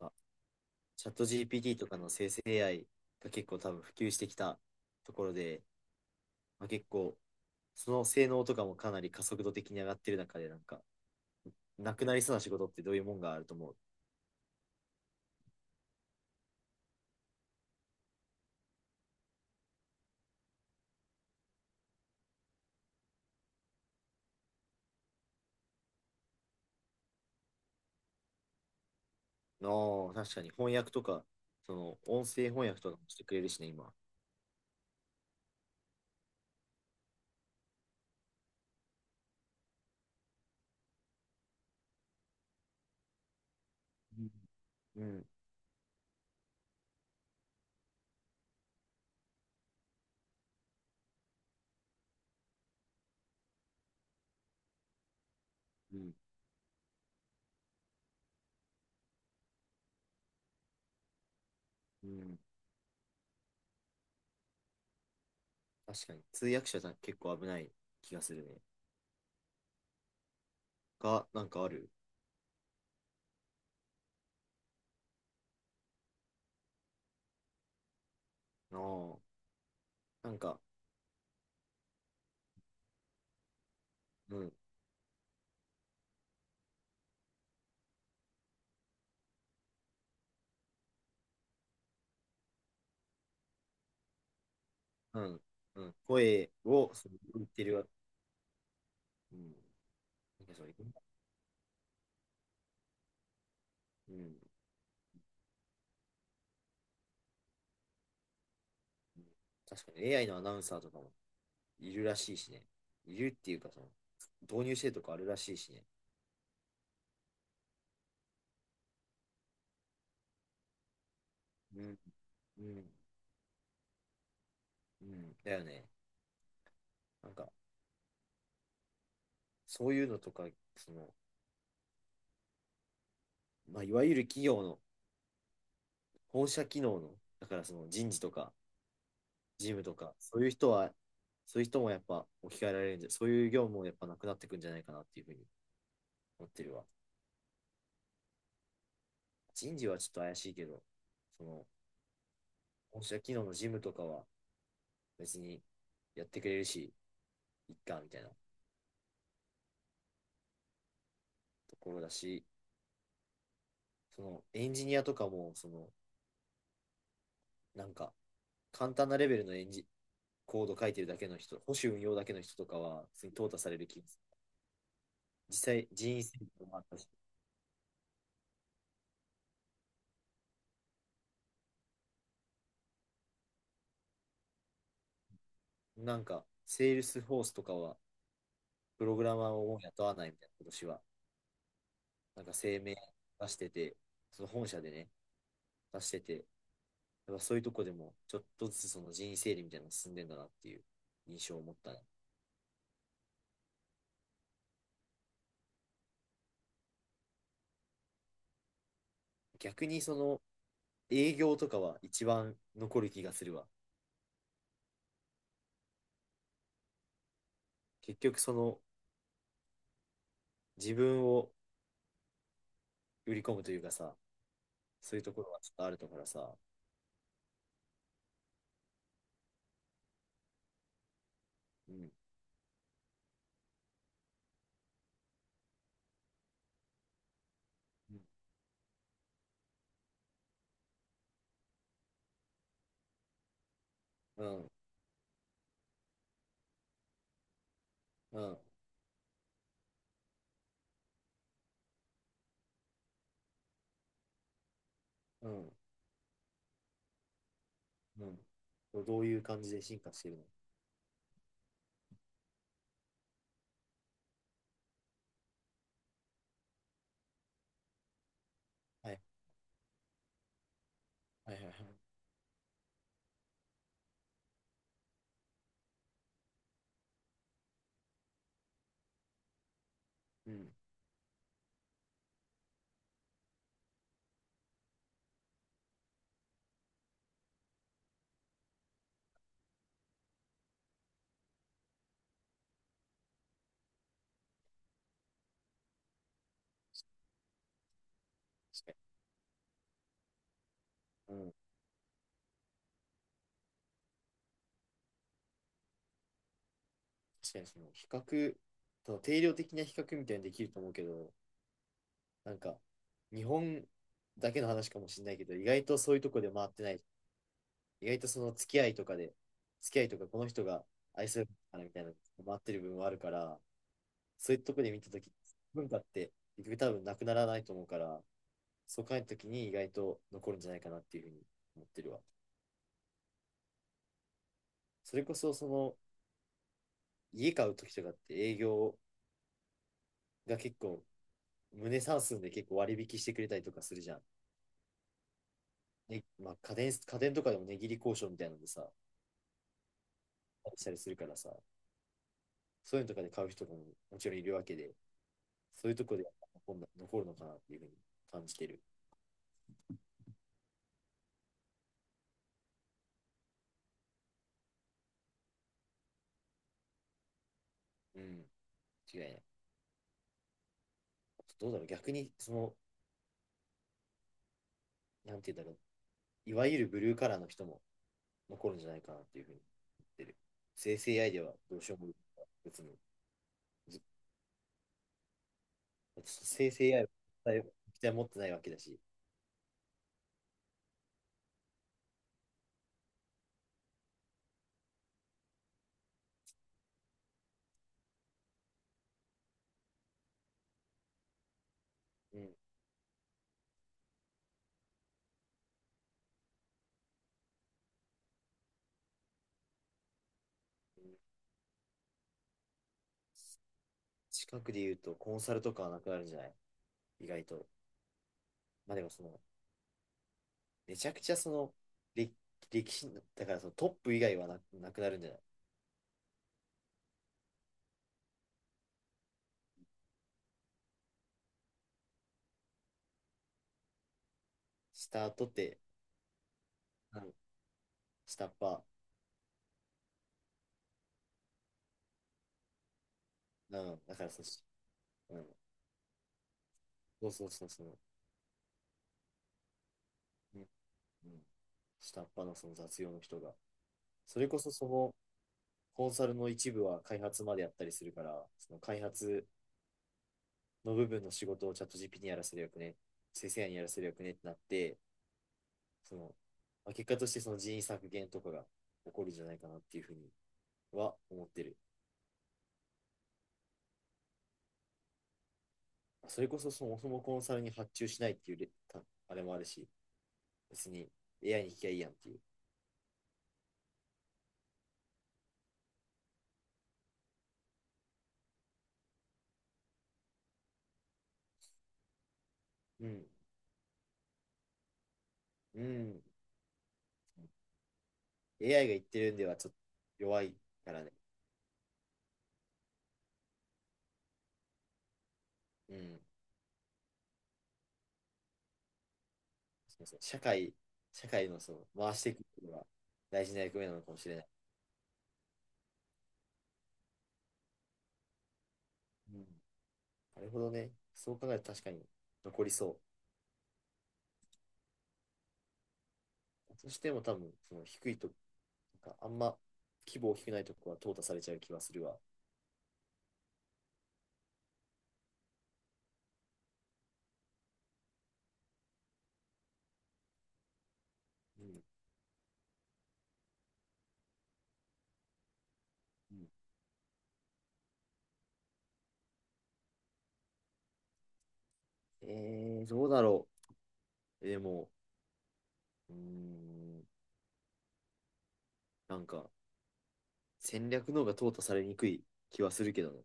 あチャット GPT とかの生成 AI が結構多分普及してきたところで、まあ、結構その性能とかもかなり加速度的に上がってる中で、なくなりそうな仕事ってどういうもんがあると思うの？確かに翻訳とか、その音声翻訳とかもしてくれるしね、今。うん、うん、うん。確かに。通訳者じゃ結構危ない気がするね。が、なんかあるの？なんか、うん、うん、うん。声を、その言ってるわ。うん。なんかそういう、うん。確かに AI のアナウンサーとかもいるらしいしね。いるっていうか、その、導入してるとかあるらしいしね。うん。うん。うん。だよね。なんか、そういうのとか、その、まあ、いわゆる企業の本社機能の、だからその人事とか、事務とか、そういう人は、そういう人もやっぱ置き換えられるんじゃ、そういう業務もやっぱなくなってくんじゃないかなっていうふうに思ってるわ。人事はちょっと怪しいけど、その、本社機能の事務とかは別にやってくれるし、いっか、みたいなところだし、そのエンジニアとかも、そのなんか簡単なレベルのエンジコード書いてるだけの人、保守運用だけの人とかは、普通に淘汰される気がする。実際、人生もあったし、なんか、セールスフォースとかは、プログラマーをもう雇わないみたいな、今年は、なんか声明出してて、その本社でね、出してて、やっぱそういうとこでも、ちょっとずつその人員整理みたいなのが進んでんだなっていう印象を持ったね。逆にその営業とかは一番残る気がするわ。結局その自分を売り込むというかさ、そういうところはちょっとあるだからさ、うん、うん、うん、うん、うん。うん、どういう感じで進化してるの？はい、はい、はい、はい。うん、確かに。うん、確かにその比較、その定量的な比較みたいにできると思うけど、なんか、日本だけの話かもしれないけど、意外とそういうとこで回ってない。意外とその付き合いとかで、付き合いとかこの人が愛するからみたいなのが回ってる部分はあるから、そういうとこで見たとき、文化って結局多分なくならないと思うから、そう考えたときに意外と残るんじゃないかなっていうふうに思ってるわ。それこそ、その、家買うときとかって営業が結構、胸算数で結構割引してくれたりとかするじゃん。ね、まあ家電、家電とかでも値切り交渉みたいなのでさ、したりするからさ、そういうのとかで買う人ももちろんいるわけで、そういうとこで残るのかなっていうふうに感じてる。うん、違いない。どうだろう、逆に、その、なんていうんだろう、いわゆるブルーカラーの人も残るんじゃないかなっていうふうに言ってる。生成 AI ではどうしようもない別に。生成 AI は期待持ってないわけだし、うん、近くで言うとコンサルとかはなくなるんじゃない？意外と。まあでもその、めちゃくちゃその、歴歴史の、だからそのトップ以外はな、なくなるんじゃない？スタートって、うん、下っ端、うん、だからその、うん、そうそうそうそう、うん、うん、下っ端のその雑用の人が、それこそその、コンサルの一部は開発までやったりするから、その開発の部分の仕事をチャット GP にやらせるよくね、生成 a にやらせるよくねってなって、その、まあ、結果としてその人員削減とかが起こるんじゃないかなっていうふうには思ってる。それこそそもそもコンサルに発注しないっていうあれもあるし、別に AI に聞きゃいいやんっていう。うん。うん。AI が言ってるんではちょっと弱いからね。うん。すみません。社会、社会のその回していくことが大事な役目なのかもしれない。うん、なるほどね。そう考えると確かに残りそう。そしても多分、その低いと、なんかあんま規模大きくないとこは淘汰されちゃう気はするわ。うん。うん、どうだろう。でも、うーん、なんか戦略の方が淘汰されにくい気はするけどね。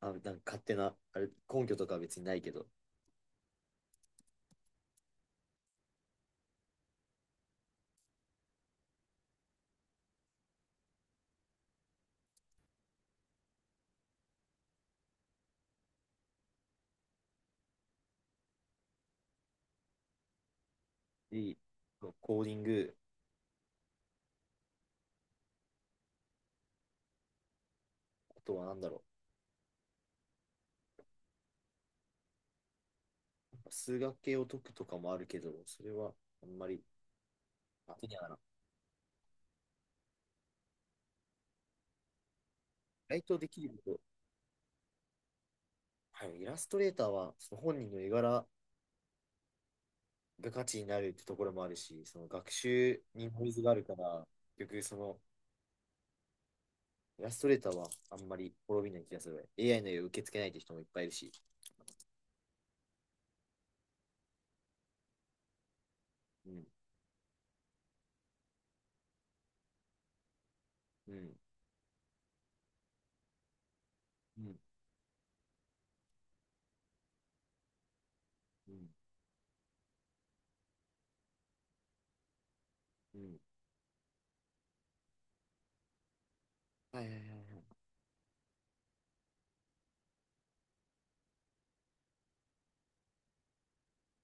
あ、なんか勝手な、あれ、根拠とかは別にないけど。いい。コーディング、あとはなんだろう。数学系を解くとかもあるけど、それはあんまり当てにはならない。意外とできるとはいイラストレーターはその本人の絵柄が価値になるってところもあるし、その学習にノイズがあるから、結局そのイラストレーターはあんまり滅びない気がする。AI の絵を受け付けないって人もいっぱいいるし。うん、うん、うん、うん、うん。はいはいはいはい。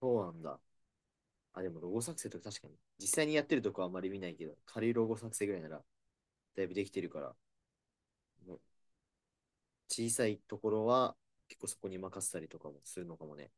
そうなんだ。あ、でもロゴ作成とか確かに。実際にやってるとこはあんまり見ないけど、軽いロゴ作成ぐらいならだいぶできてるから、もう小さいところは結構そこに任せたりとかもするのかもね。